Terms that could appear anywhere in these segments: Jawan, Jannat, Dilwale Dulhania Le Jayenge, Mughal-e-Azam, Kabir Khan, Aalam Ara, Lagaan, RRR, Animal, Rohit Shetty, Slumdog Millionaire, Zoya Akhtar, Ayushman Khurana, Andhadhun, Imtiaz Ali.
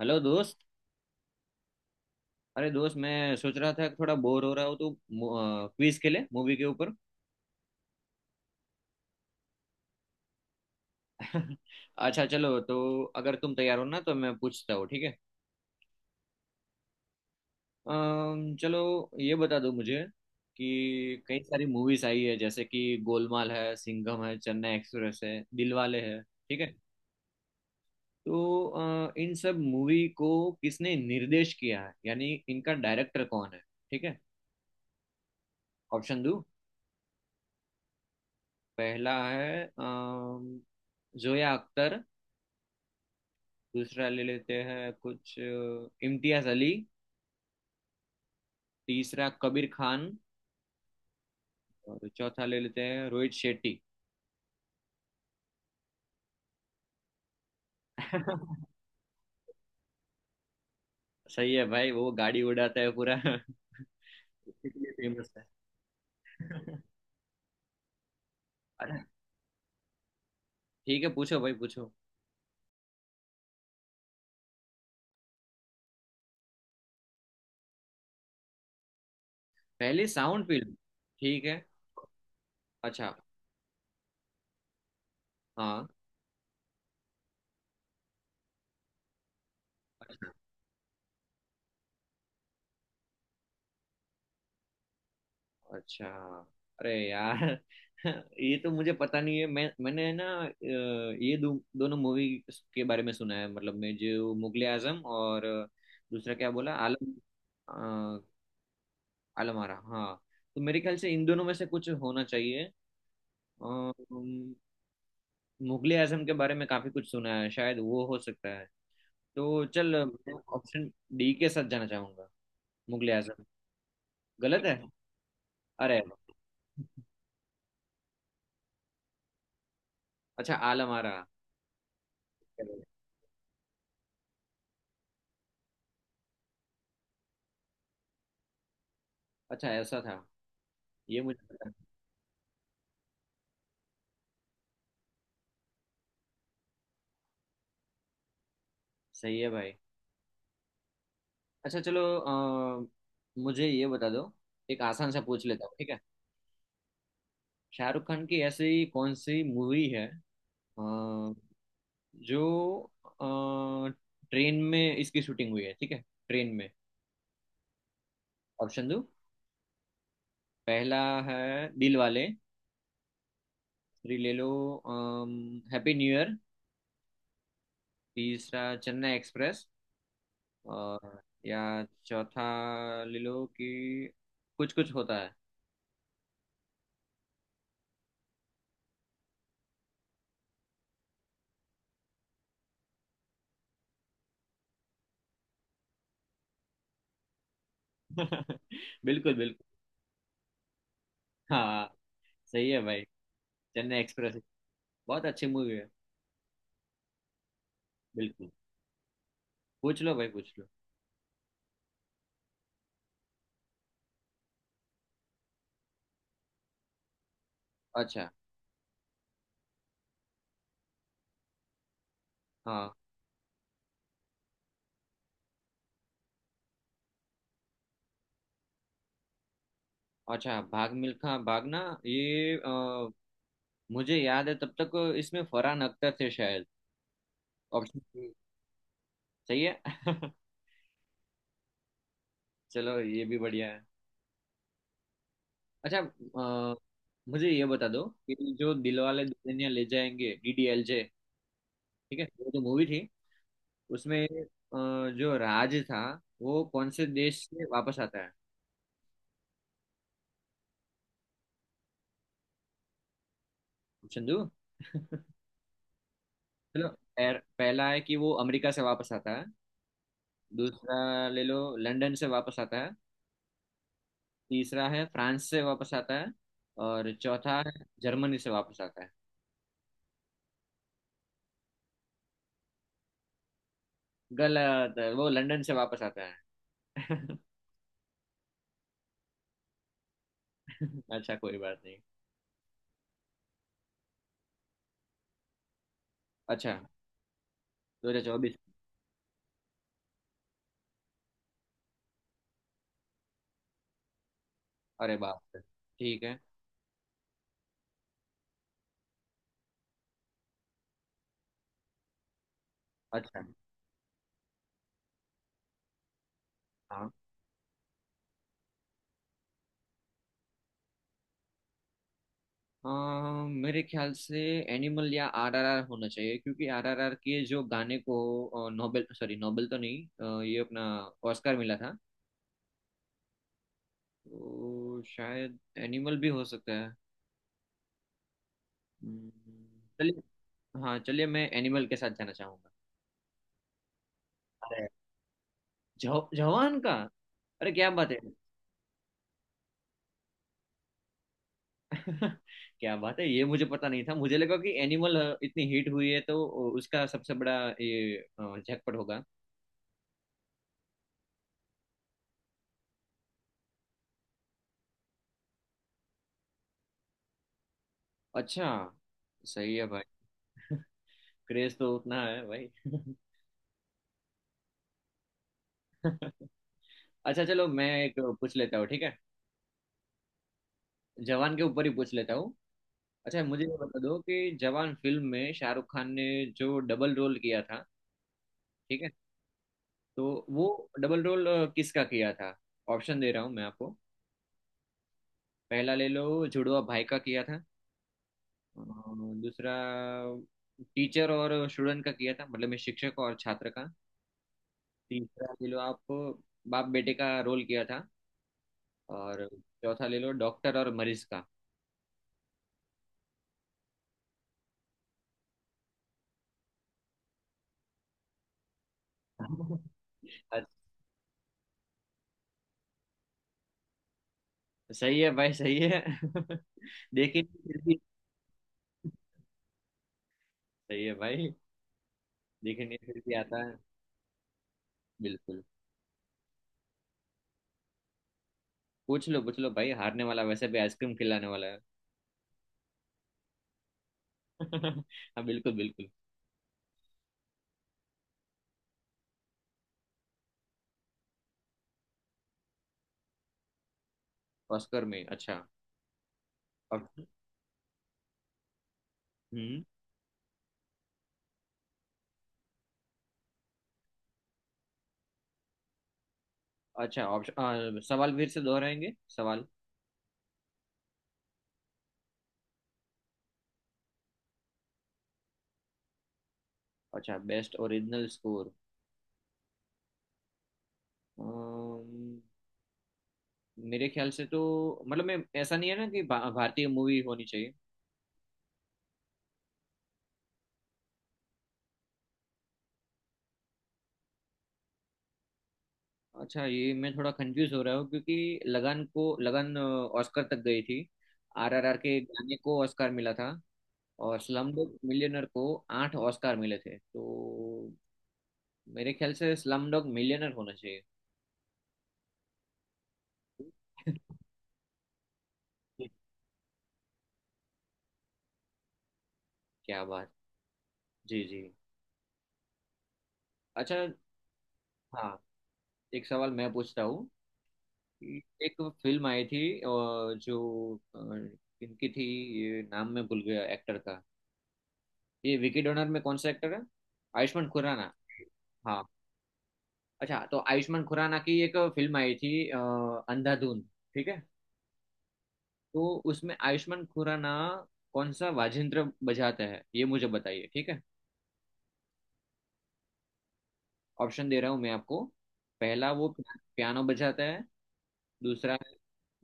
Hello दोस्त। अरे दोस्त, मैं सोच रहा था कि थोड़ा बोर हो रहा हूँ तो क्विज खेले मूवी के ऊपर। अच्छा चलो तो अगर तुम तैयार हो ना तो मैं पूछता हूँ, ठीक है? चलो ये बता दो मुझे कि कई सारी मूवीज आई है जैसे कि गोलमाल है, सिंघम है, चेन्नई एक्सप्रेस है, दिलवाले है, ठीक है? तो इन सब मूवी को किसने निर्देश किया है यानी इनका डायरेक्टर कौन है, ठीक है? ऑप्शन दो। पहला है जोया अख्तर। दूसरा ले लेते हैं कुछ इम्तियाज अली। तीसरा कबीर खान। और चौथा ले लेते हैं रोहित शेट्टी। सही है भाई, वो गाड़ी उड़ाता है पूरा। इसलिए फेमस है। अरे ठीक है, पूछो भाई पूछो। पहली साउंड फिल्म। ठीक है। अच्छा। हाँ। अच्छा। अरे यार, ये तो मुझे पता नहीं है। मैंने ना ये दोनों मूवी के बारे में सुना है, मतलब मैं, जो मुगले आजम और दूसरा क्या बोला, आलम। अ, आलम आरा। हाँ तो मेरे ख्याल से इन दोनों में से कुछ होना चाहिए। उम, मुगले आजम के बारे में काफी कुछ सुना है, शायद वो हो सकता है। तो चल, मैं ऑप्शन डी के साथ जाना चाहूंगा, मुगले आजम। गलत है? अरे। अच्छा आलम आरा। अच्छा ऐसा था, ये मुझे पता नहीं। सही है भाई। अच्छा चलो, अ, मुझे ये बता दो, एक आसान सा पूछ लेता हूँ, ठीक है? शाहरुख खान की ऐसी कौन सी मूवी है अ, जो ट्रेन में इसकी शूटिंग हुई है, ठीक है? ट्रेन में। ऑप्शन दो। पहला है दिल वाले। फिर ले लो हैप्पी न्यू ईयर। तीसरा चेन्नई एक्सप्रेस। और या चौथा ले लो कि कुछ कुछ होता है। बिल्कुल बिल्कुल। हाँ सही है भाई। चेन्नई एक्सप्रेस बहुत अच्छी मूवी है, बिल्कुल। पूछ लो भाई पूछ लो। अच्छा। हाँ। अच्छा भाग मिल्खा भागना। ये मुझे याद है तब तक इसमें फरहान अख्तर थे शायद। ऑप्शन। सही है। चलो ये भी बढ़िया है। अच्छा, मुझे ये बता दो कि जो दिलवाले दुल्हनिया ले जाएंगे, डीडीएलजे, ठीक है, वो जो मूवी थी, उसमें जो राज था, वो कौन से देश से वापस आता है? ऑप्शन दो। चलो, पहला है कि वो अमेरिका से वापस आता है। दूसरा ले लो, लंदन से वापस आता है। तीसरा है फ्रांस से वापस आता है। और चौथा है जर्मनी से वापस आता है। गलत है, वो लंदन से वापस आता है। अच्छा कोई बात नहीं। अच्छा। 2024। अरे बाप रे। ठीक है। अच्छा। हाँ। मेरे ख्याल से एनिमल या आरआरआर होना चाहिए क्योंकि आरआरआर के जो गाने को नोबेल, सॉरी नोबेल तो नहीं, ये अपना ऑस्कर मिला था। तो शायद एनिमल भी हो सकता है। हम्म, चलिए। हाँ चलिए, मैं एनिमल के साथ जाना चाहूंगा। अरे, जवान का। अरे क्या बात है! क्या बात है, ये मुझे पता नहीं था। मुझे लगा कि एनिमल इतनी हिट हुई है तो उसका सबसे बड़ा ये झटपट होगा। अच्छा सही है भाई। क्रेज तो उतना है भाई। अच्छा चलो मैं एक पूछ लेता हूँ, ठीक है? जवान के ऊपर ही पूछ लेता हूँ। अच्छा मुझे ये बता दो कि जवान फिल्म में शाहरुख खान ने जो डबल रोल किया था, ठीक है, तो वो डबल रोल किसका किया था? ऑप्शन दे रहा हूँ मैं आपको। पहला ले लो, जुड़वा भाई का किया था। अ, दूसरा टीचर और स्टूडेंट का किया था, मतलब मैं शिक्षक और छात्र का। तीसरा ले लो आप, बाप बेटे का रोल किया था। और चौथा ले लो डॉक्टर और मरीज का। अच्छा, सही है भाई सही है। देखिए फिर भी सही है भाई, देखने फिर भी आता है, बिल्कुल। पूछ लो भाई, हारने वाला वैसे भी आइसक्रीम खिलाने वाला है। हाँ बिल्कुल बिल्कुल। ऑस्कर में? अच्छा। अब हम्म अच्छा ऑप्शन, सवाल फिर से दोहराएंगे, सवाल। अच्छा बेस्ट ओरिजिनल स्कोर। मेरे ख्याल से तो, मतलब मैं, ऐसा नहीं है ना कि भारतीय मूवी होनी चाहिए? अच्छा ये मैं थोड़ा कंफ्यूज हो रहा हूँ, क्योंकि लगान ऑस्कर तक गई थी, आरआरआर के गाने को ऑस्कर मिला था, और स्लम डॉग मिलियनर को 8 ऑस्कर मिले थे। तो मेरे ख्याल से स्लम डॉग मिलियनर होना चाहिए। क्या बात! जी जी। अच्छा। हाँ, एक सवाल मैं पूछता हूँ कि एक फिल्म आई थी जो किनकी थी, ये नाम मैं भूल गया एक्टर का। ये विकी डोनर में कौन सा एक्टर है? आयुष्मान खुराना। हाँ। अच्छा तो आयुष्मान खुराना की एक फिल्म आई थी अंधाधुन, ठीक है? तो उसमें आयुष्मान खुराना कौन सा वाजिंत्र बजाता है, ये मुझे बताइए, ठीक है? ऑप्शन दे रहा हूँ मैं आपको। पहला, वो पियानो बजाता है। दूसरा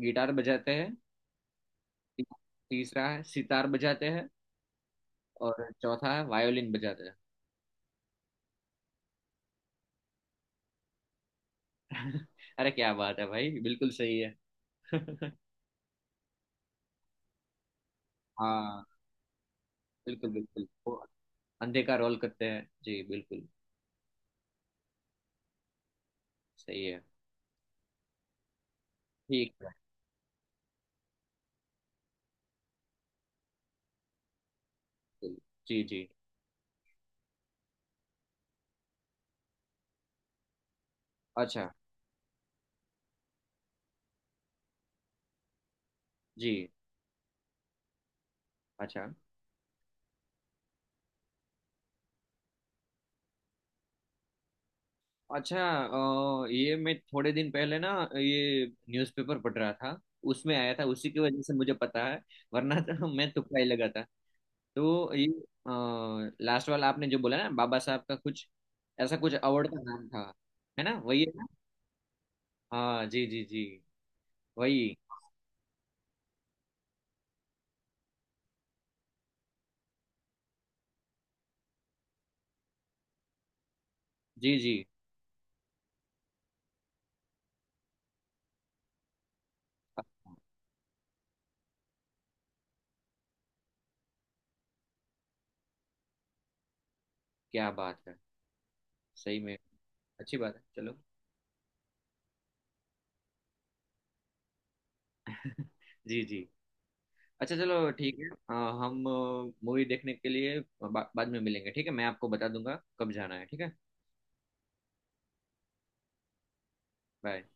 गिटार बजाता है। तीसरा है सितार बजाते हैं। और चौथा है वायोलिन बजाते हैं। अरे क्या बात है भाई, बिल्कुल सही है। हाँ बिल्कुल बिल्कुल, वो अंधे का रोल करते हैं जी, बिल्कुल। सही है। ठीक है, बिल्कुल। जी जी। अच्छा जी। अच्छा अच्छा, ये मैं थोड़े दिन पहले ना, ये न्यूज़पेपर पढ़ रहा था, उसमें आया था, उसी की वजह से मुझे पता है। वरना तो मैं तुक्का ही लगा था। तो ये लास्ट वाला आपने जो बोला ना, बाबा साहब का कुछ ऐसा कुछ अवार्ड का नाम था, है ना? वही है ना? हाँ जी जी जी, वही। जी जी। क्या बात है, सही में। अच्छी बात है चलो। जी जी। अच्छा चलो ठीक है, हम मूवी देखने के लिए बाद में मिलेंगे, ठीक है, मैं आपको बता दूंगा कब जाना है, ठीक है? बाय।